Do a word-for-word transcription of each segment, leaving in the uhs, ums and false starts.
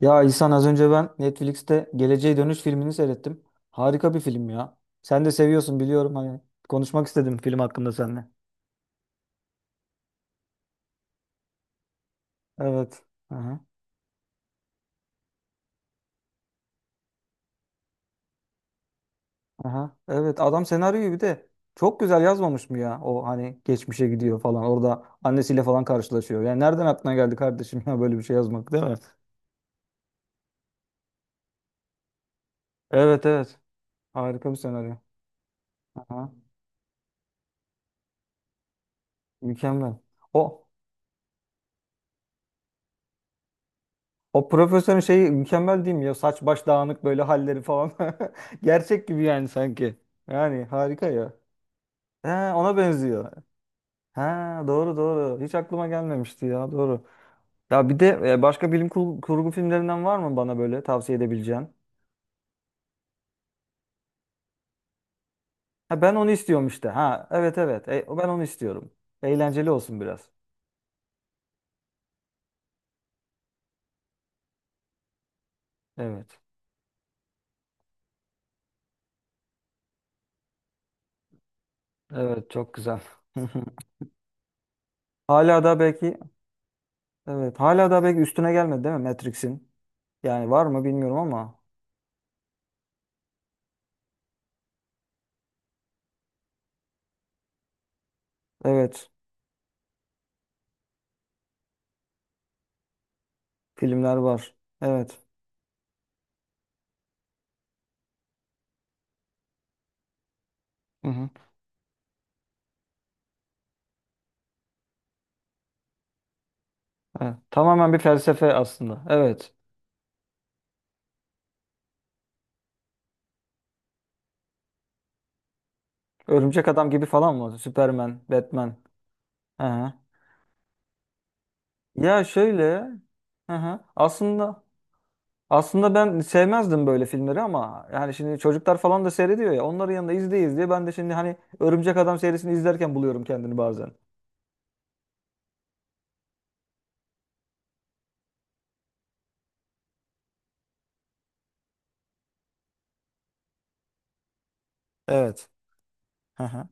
Ya İhsan az önce ben Netflix'te Geleceğe Dönüş filmini seyrettim. Harika bir film ya. Sen de seviyorsun, biliyorum hani. Konuşmak istedim film hakkında seninle. Evet. Aha, aha. Evet, adam senaryoyu bir de çok güzel yazmamış mı ya? O hani geçmişe gidiyor falan. Orada annesiyle falan karşılaşıyor. Yani nereden aklına geldi kardeşim ya böyle bir şey yazmak, değil mi? Evet evet. Harika bir senaryo. Aha. Mükemmel. O O profesörün şeyi mükemmel değil mi ya? Saç baş dağınık böyle halleri falan. Gerçek gibi yani, sanki. Yani harika ya. He, ona benziyor. Ha, doğru doğru. Hiç aklıma gelmemişti ya, doğru. Ya bir de e, başka bilim kur- kurgu filmlerinden var mı bana böyle tavsiye edebileceğin? Ha, ben onu istiyorum işte. Ha evet evet. E, ben onu istiyorum. Eğlenceli olsun biraz. Evet. Evet, çok güzel. Hala da belki, evet hala da belki üstüne gelmedi değil mi Matrix'in? Yani var mı bilmiyorum ama evet. Filmler var. Evet. Hı hı. Evet. Tamamen bir felsefe aslında. Evet. Örümcek Adam gibi falan mı? Superman, Batman. Hı hı. Ya şöyle. Hı hı. Aslında aslında ben sevmezdim böyle filmleri ama yani şimdi çocuklar falan da seyrediyor ya. Onların yanında izleyiz diye ben de şimdi hani Örümcek Adam serisini izlerken buluyorum kendini bazen. Evet. Hı hı.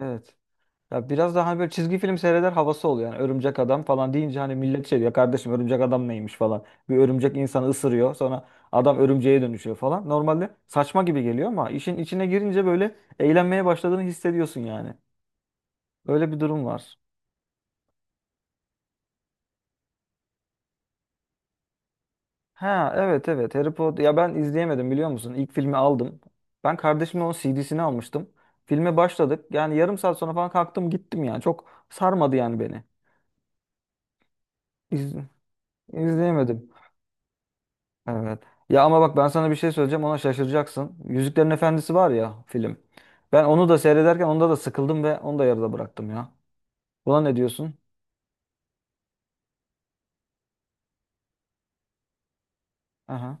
Evet. Ya biraz daha hani böyle çizgi film seyreder havası oluyor. Yani örümcek adam falan deyince hani millet şey diyor, kardeşim örümcek adam neymiş falan. Bir örümcek insanı ısırıyor, sonra adam örümceğe dönüşüyor falan. Normalde saçma gibi geliyor ama işin içine girince böyle eğlenmeye başladığını hissediyorsun yani. Öyle bir durum var. Ha evet evet, Harry Potter ya, ben izleyemedim biliyor musun? İlk filmi aldım. Ben kardeşimle onun C D'sini almıştım. Filme başladık. Yani yarım saat sonra falan kalktım gittim yani. Çok sarmadı yani beni. İz, izleyemedim. Evet. Ya ama bak ben sana bir şey söyleyeceğim, ona şaşıracaksın. Yüzüklerin Efendisi var ya film. Ben onu da seyrederken onda da sıkıldım ve onu da yarıda bıraktım ya. Buna ne diyorsun? Aha.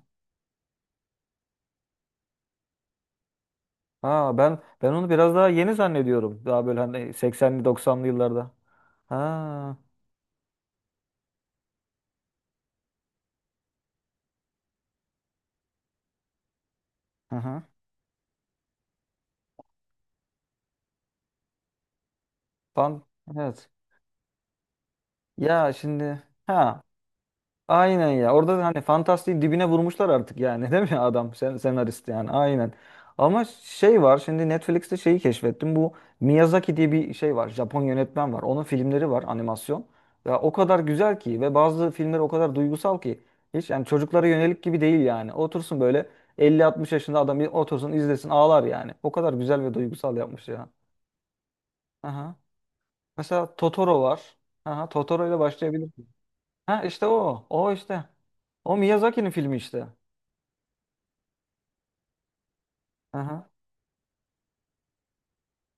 Ha, ben ben onu biraz daha yeni zannediyorum. Daha böyle hani seksenli doksanlı yıllarda. Ha. Aha. Pan, evet. Ya şimdi ha, aynen ya. Orada da hani fantastiğin dibine vurmuşlar artık yani, değil mi adam sen, senarist yani aynen. Ama şey var şimdi, Netflix'te şeyi keşfettim. Bu Miyazaki diye bir şey var. Japon yönetmen var. Onun filmleri var, animasyon. Ya o kadar güzel ki ve bazı filmler o kadar duygusal ki hiç yani çocuklara yönelik gibi değil yani. Otursun böyle elli altmış yaşında adam, bir otursun izlesin, ağlar yani. O kadar güzel ve duygusal yapmış ya. Aha. Mesela Totoro var. Aha, Totoro ile başlayabilir. Ha işte o. O işte. O Miyazaki'nin filmi işte. Aha,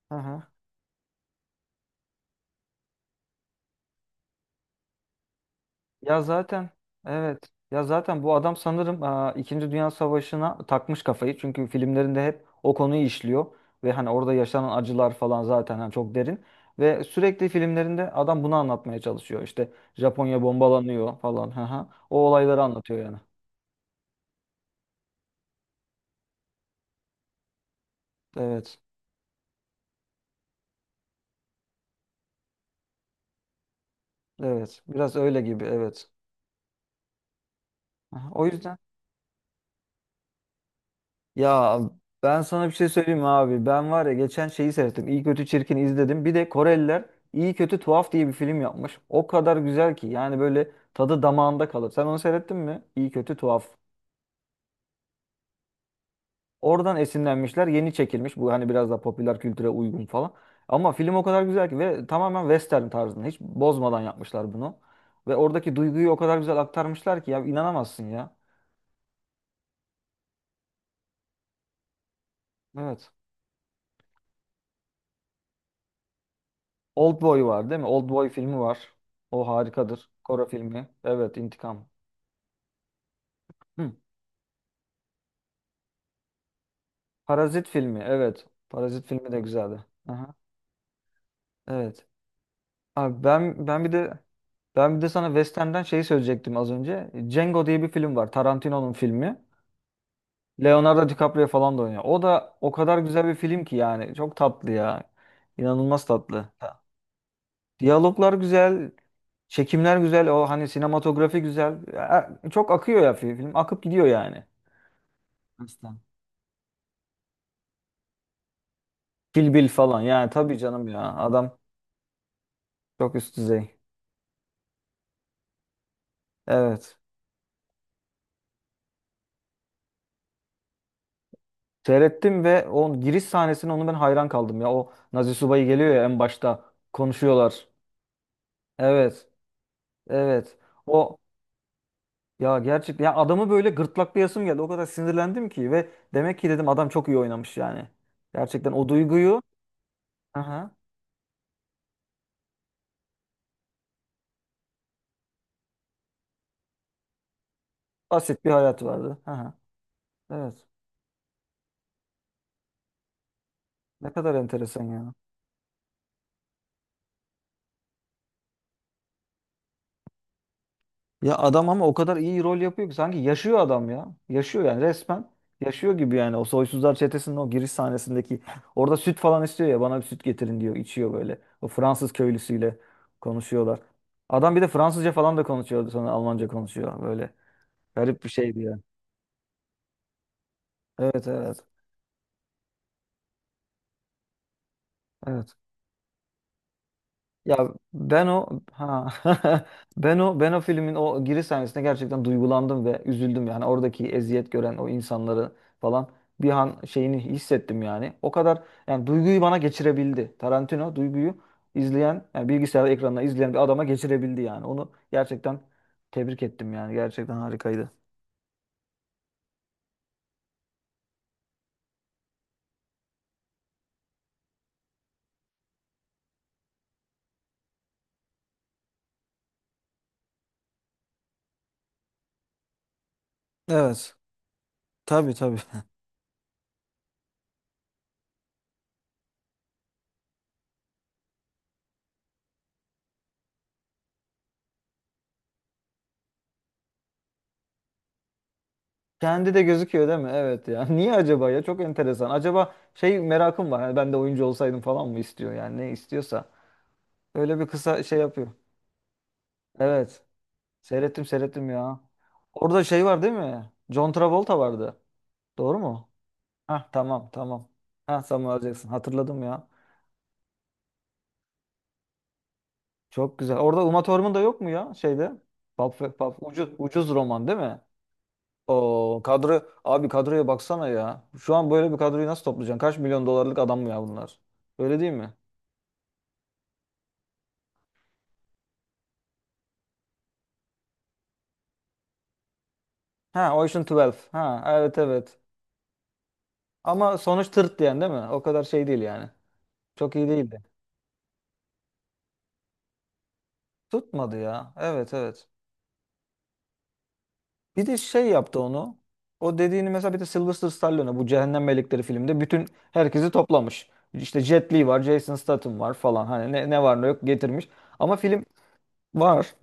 aha. Ya zaten evet. Ya zaten bu adam sanırım aa, İkinci Dünya Savaşı'na takmış kafayı. Çünkü filmlerinde hep o konuyu işliyor. Ve hani orada yaşanan acılar falan zaten hani çok derin. Ve sürekli filmlerinde adam bunu anlatmaya çalışıyor. İşte Japonya bombalanıyor falan. Aha. O olayları anlatıyor yani. Evet. Evet. Biraz öyle gibi. Evet. Aha, o yüzden. Ya ben sana bir şey söyleyeyim mi abi. Ben var ya, geçen şeyi seyrettim. İyi Kötü Çirkin izledim. Bir de Koreliler İyi Kötü Tuhaf diye bir film yapmış. O kadar güzel ki yani, böyle tadı damağında kalır. Sen onu seyrettin mi? İyi Kötü Tuhaf. Oradan esinlenmişler. Yeni çekilmiş. Bu hani biraz daha popüler kültüre uygun falan. Ama film o kadar güzel ki ve tamamen western tarzında. Hiç bozmadan yapmışlar bunu. Ve oradaki duyguyu o kadar güzel aktarmışlar ki ya, inanamazsın ya. Evet. Oldboy var değil mi? Oldboy filmi var. O harikadır. Kore filmi. Evet, İntikam. Hı. Parazit filmi. Evet. Parazit filmi de güzeldi. Aha. Evet. Abi, ben ben bir de ben bir de sana Western'den şeyi söyleyecektim az önce. Django diye bir film var. Tarantino'nun filmi. Leonardo DiCaprio falan da oynuyor. O da o kadar güzel bir film ki yani. Çok tatlı ya. İnanılmaz tatlı. Ha. Diyaloglar güzel. Çekimler güzel. O hani sinematografi güzel. Ya, çok akıyor ya film. Akıp gidiyor yani. Aslan. Kill Bill falan, yani tabii canım ya, adam çok üst düzey. Evet. Seyrettim ve o giriş sahnesine, onu ben hayran kaldım ya. O Nazi subayı geliyor ya en başta, konuşuyorlar. Evet. Evet. O ya gerçekten ya, adamı böyle gırtlaklayasım geldi. O kadar sinirlendim ki, ve demek ki dedim adam çok iyi oynamış yani. Gerçekten o duyguyu, aha, basit bir hayat vardı. Aha, evet. Ne kadar enteresan ya. Ya adam ama o kadar iyi rol yapıyor ki sanki yaşıyor adam ya. Yaşıyor yani resmen. Yaşıyor gibi yani, o Soysuzlar Çetesi'nin o giriş sahnesindeki, orada süt falan istiyor ya, bana bir süt getirin diyor, içiyor böyle. O Fransız köylüsüyle konuşuyorlar. Adam bir de Fransızca falan da konuşuyordu, sonra Almanca konuşuyor böyle. Garip bir şeydi yani. Evet evet. Evet. Ya ben o ha ben o ben o filmin o giriş sahnesinde gerçekten duygulandım ve üzüldüm yani, oradaki eziyet gören o insanları falan bir an şeyini hissettim yani. O kadar yani duyguyu bana geçirebildi. Tarantino duyguyu izleyen yani bilgisayar ekranına izleyen bir adama geçirebildi yani. Onu gerçekten tebrik ettim yani. Gerçekten harikaydı. Evet. Tabii tabii. Kendi de gözüküyor değil mi? Evet ya. Niye acaba ya? Çok enteresan. Acaba şey, merakım var. Hani ben de oyuncu olsaydım falan mı istiyor yani, ne istiyorsa. Öyle bir kısa şey yapıyor. Evet. Seyrettim seyrettim ya. Orada şey var değil mi? John Travolta vardı. Doğru mu? Hah tamam tamam. Hah, Samuel L. Jackson. Hatırladım ya. Çok güzel. Orada Uma Thurman da yok mu ya şeyde? Pap, pap, ucuz, ucuz roman değil mi? O kadro, abi kadroya baksana ya. Şu an böyle bir kadroyu nasıl toplayacaksın? Kaç milyon dolarlık adam mı ya bunlar? Öyle değil mi? Ha, Ocean twelve. Ha evet evet. Ama sonuç tırt diyen değil mi? O kadar şey değil yani. Çok iyi değil. Tutmadı ya. Evet evet. Bir de şey yaptı onu. O dediğini mesela, bir de Sylvester Stallone'a bu Cehennem Melekleri filmde bütün herkesi toplamış. İşte Jet Li var, Jason Statham var falan. Hani ne, ne var ne yok getirmiş. Ama film var.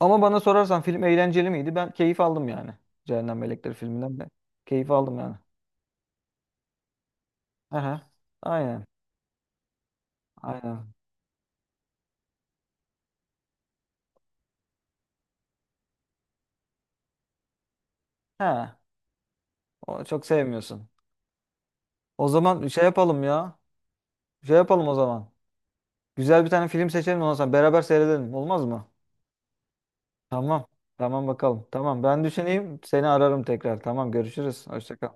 Ama bana sorarsan film eğlenceli miydi? Ben keyif aldım yani. Cehennem Melekleri filminden de keyif aldım yani. Aha. Aynen. Aynen. He. O çok sevmiyorsun. O zaman şey yapalım ya. Şey yapalım o zaman. Güzel bir tane film seçelim, ondan sonra beraber seyredelim. Olmaz mı? Tamam. Tamam bakalım. Tamam, ben düşüneyim. Seni ararım tekrar. Tamam, görüşürüz. Hoşça kal.